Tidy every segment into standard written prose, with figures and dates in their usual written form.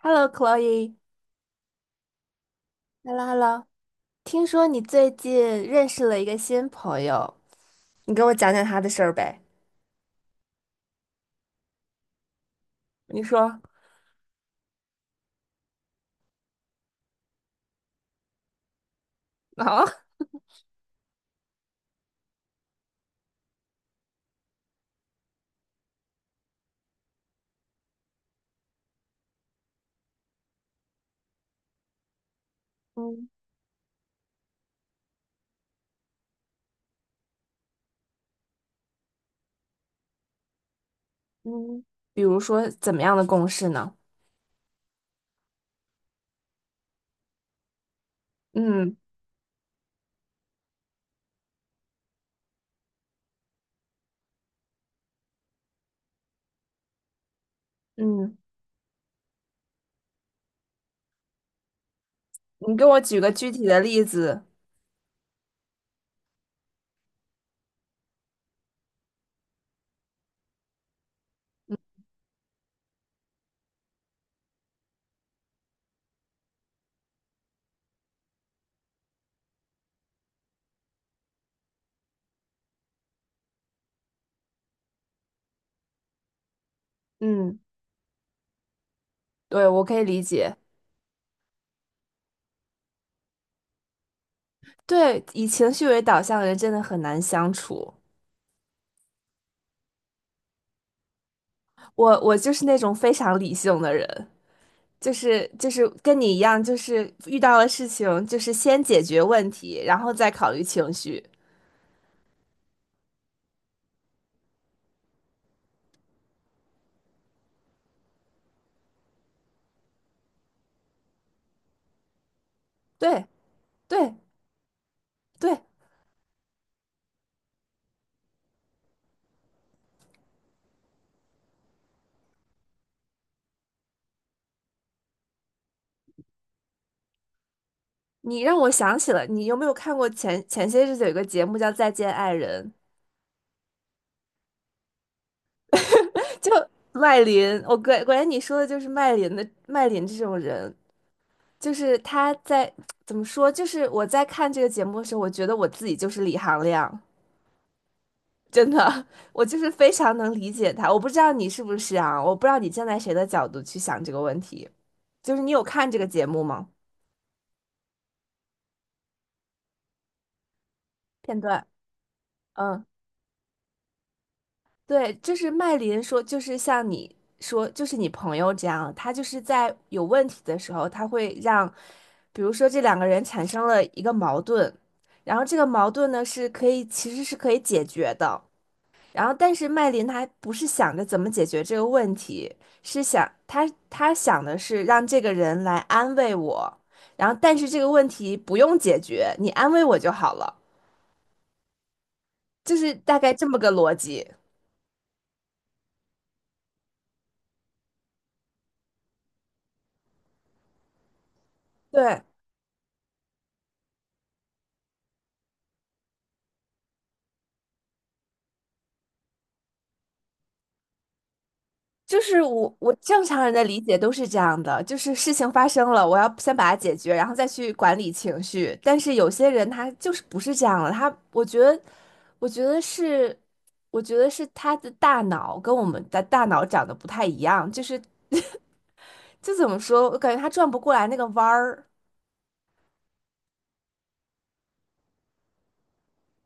Hello,Chloe。Hello,Hello。听说你最近认识了一个新朋友，你给我讲讲他的事儿呗。你说啊，嗯嗯，比如说怎么样的共事呢？嗯，嗯你给我举个具体的例子。嗯，对，我可以理解。对，以情绪为导向的人真的很难相处。我就是那种非常理性的人，就是跟你一样，就是遇到了事情，就是先解决问题，然后再考虑情绪。对对对，你让我想起了，你有没有看过前些日子有一个节目叫《再见爱人》，就麦琳，我果然你说的就是麦琳的麦琳这种人，就是他在 怎么说，就是我在看这个节目的时候，我觉得我自己就是李行亮，真的，我就是非常能理解他。我不知道你是不是啊，我不知道你站在谁的角度去想这个问题，就是你有看这个节目吗？片段，嗯。对，就是麦琳说，就是像你说，就是你朋友这样，他就是在有问题的时候，他会让，比如说这两个人产生了一个矛盾，然后这个矛盾呢是可以，其实是可以解决的。然后，但是麦琳她不是想着怎么解决这个问题，是想她想的是让这个人来安慰我，然后但是这个问题不用解决，你安慰我就好了，就是大概这么个逻辑。对。就是我，我正常人的理解都是这样的，就是事情发生了，我要先把它解决，然后再去管理情绪。但是有些人他就是不是这样的，他我觉得，我觉得是，我觉得是他的大脑跟我们的大脑长得不太一样，就是 就怎么说，我感觉他转不过来那个弯儿。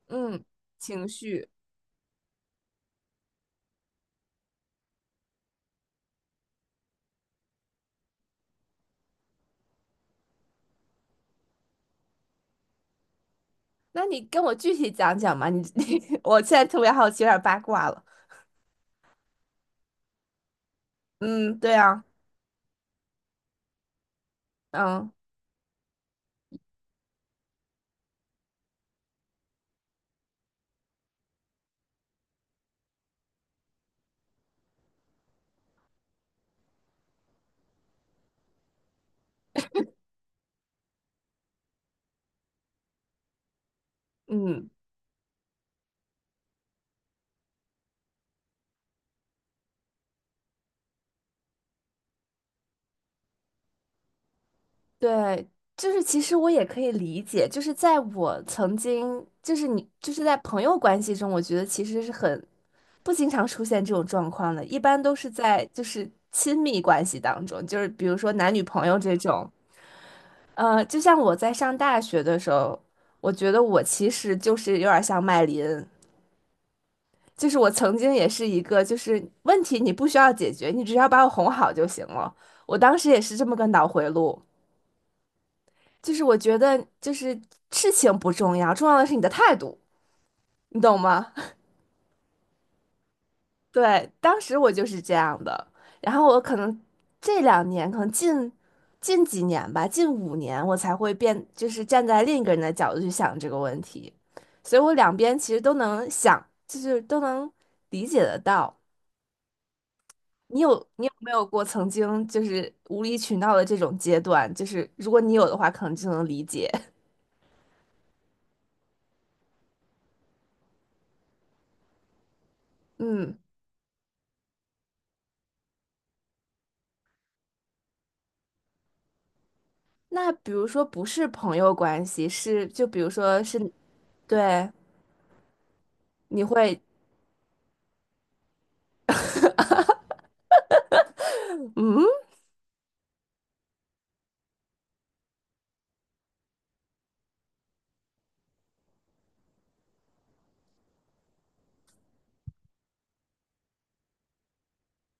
嗯，情绪，那你跟我具体讲讲嘛？你 你，我现在特别好奇，有点八卦了。嗯，对啊，嗯嗯。对，就是其实我也可以理解，就是在我曾经，就是你，就是在朋友关系中，我觉得其实是很不经常出现这种状况的，一般都是在就是亲密关系当中，就是比如说男女朋友这种，就像我在上大学的时候，我觉得我其实就是有点儿像麦琳，就是我曾经也是一个，就是问题你不需要解决，你只要把我哄好就行了，我当时也是这么个脑回路。就是我觉得，就是事情不重要，重要的是你的态度，你懂吗？对，当时我就是这样的。然后我可能这两年，可能近几年吧，近五年，我才会变，就是站在另一个人的角度去想这个问题。所以我两边其实都能想，就是都能理解得到。你有没有过曾经就是无理取闹的这种阶段？就是如果你有的话，可能就能理解。嗯。那比如说不是朋友关系，是就比如说是，对，你会，嗯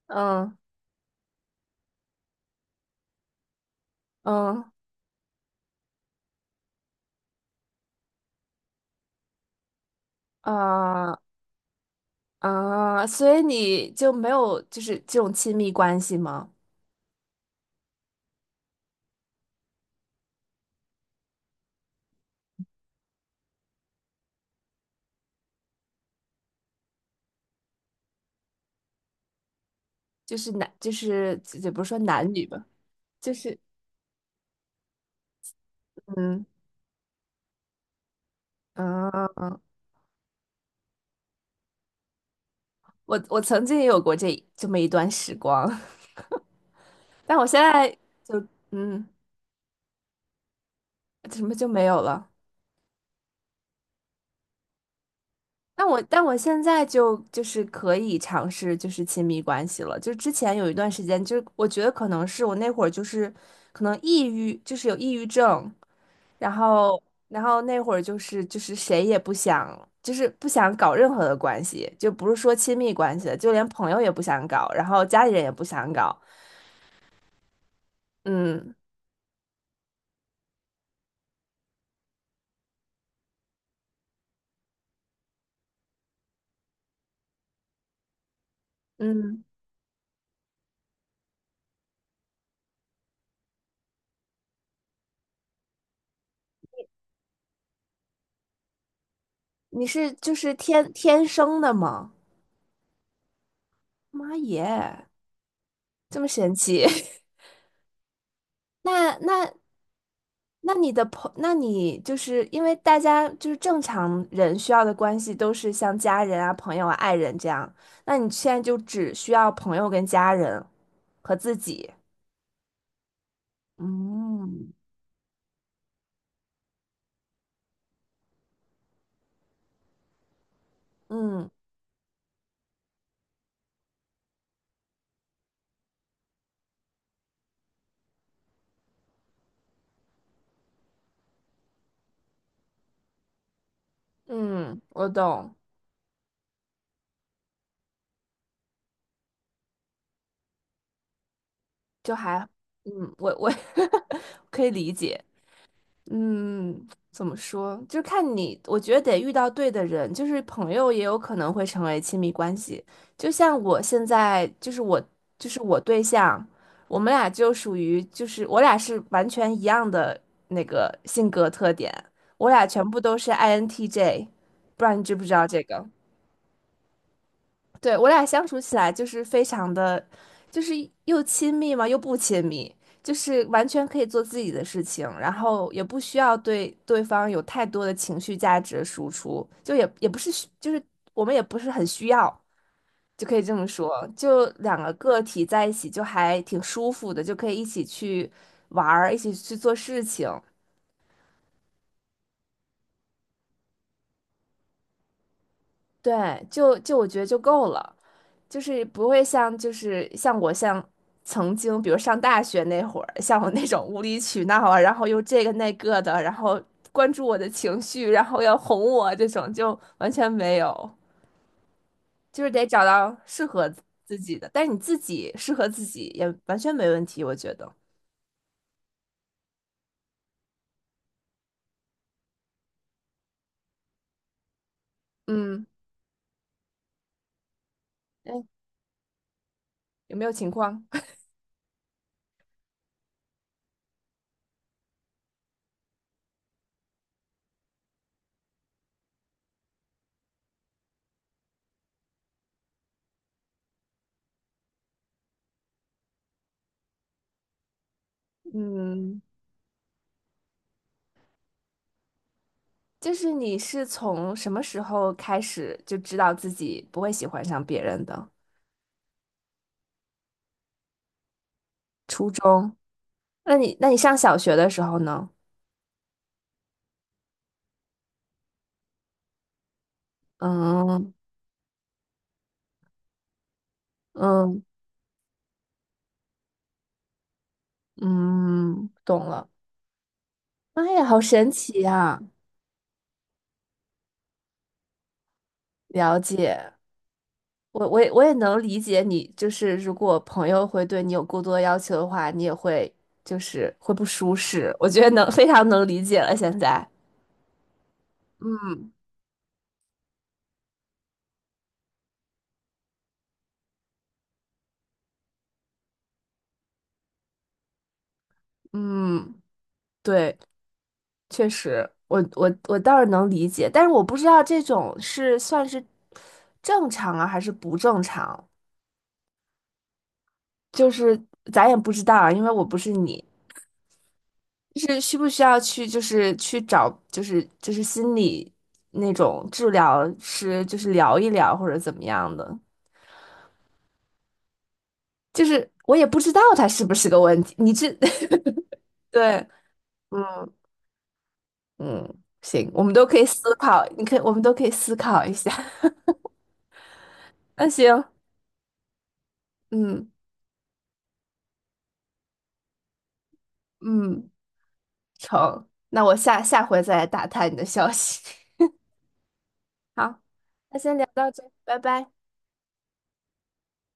嗯嗯啊啊，所以你就没有就是这种亲密关系吗？就是男，就是也不是说男女吧，就是嗯嗯嗯，我曾经也有过这么一段时光，但我现在就嗯什么就没有了。那我但我现在就是可以尝试就是亲密关系了，就之前有一段时间，就我觉得可能是我那会儿就是可能抑郁，就是有抑郁症，然后然后那会儿就是谁也不想，就是不想搞任何的关系，就不是说亲密关系了，就连朋友也不想搞，然后家里人也不想搞，嗯嗯，你是就是天天生的吗？妈耶，这么神奇！那那你的朋，那你就是因为大家就是正常人需要的关系都是像家人啊、朋友啊、爱人这样，那你现在就只需要朋友跟家人和自己。嗯嗯嗯，我懂，就还，嗯，我我 可以理解。嗯，怎么说？就是看你，我觉得得遇到对的人，就是朋友也有可能会成为亲密关系。就像我现在，就是我，就是我对象，我们俩就属于，就是我俩是完全一样的那个性格特点，我俩全部都是 INTJ，不知道你知不知道这个？对，我俩相处起来就是非常的，就是又亲密嘛，又不亲密，就是完全可以做自己的事情，然后也不需要对对方有太多的情绪价值的输出，就也不是需就是我们也不是很需要，就可以这么说，就两个个体在一起就还挺舒服的，就可以一起去玩儿，一起去做事情，对，就我觉得就够了。就是不会像就是像我像曾经，比如上大学那会儿，像我那种无理取闹啊，然后又这个那个的，然后关注我的情绪，然后要哄我这种，就完全没有，就是得找到适合自己的。但是你自己适合自己也完全没问题，我觉得。嗯，哎，有没有情况？嗯，就是你是从什么时候开始就知道自己不会喜欢上别人的？初中？那你那你上小学的时候呢？嗯嗯嗯，懂了。妈呀，好神奇呀！了解，我也能理解你，就是如果朋友会对你有过多要求的话，你也会就是会不舒适。我觉得能非常能理解了。现在，嗯，对，确实，我倒是能理解，但是我不知道这种是算是正常啊，还是不正常，就是咱也不知道啊，因为我不是你。就是需不需要去，就是去找，就是心理那种治疗师，就是聊一聊或者怎么样的？就是我也不知道他是不是个问题。你这 对，嗯嗯，行，我们都可以思考，你可以，我们都可以思考一下。那行，嗯嗯，成，那我下下回再来打探你的消息。好，那先聊到这，拜拜。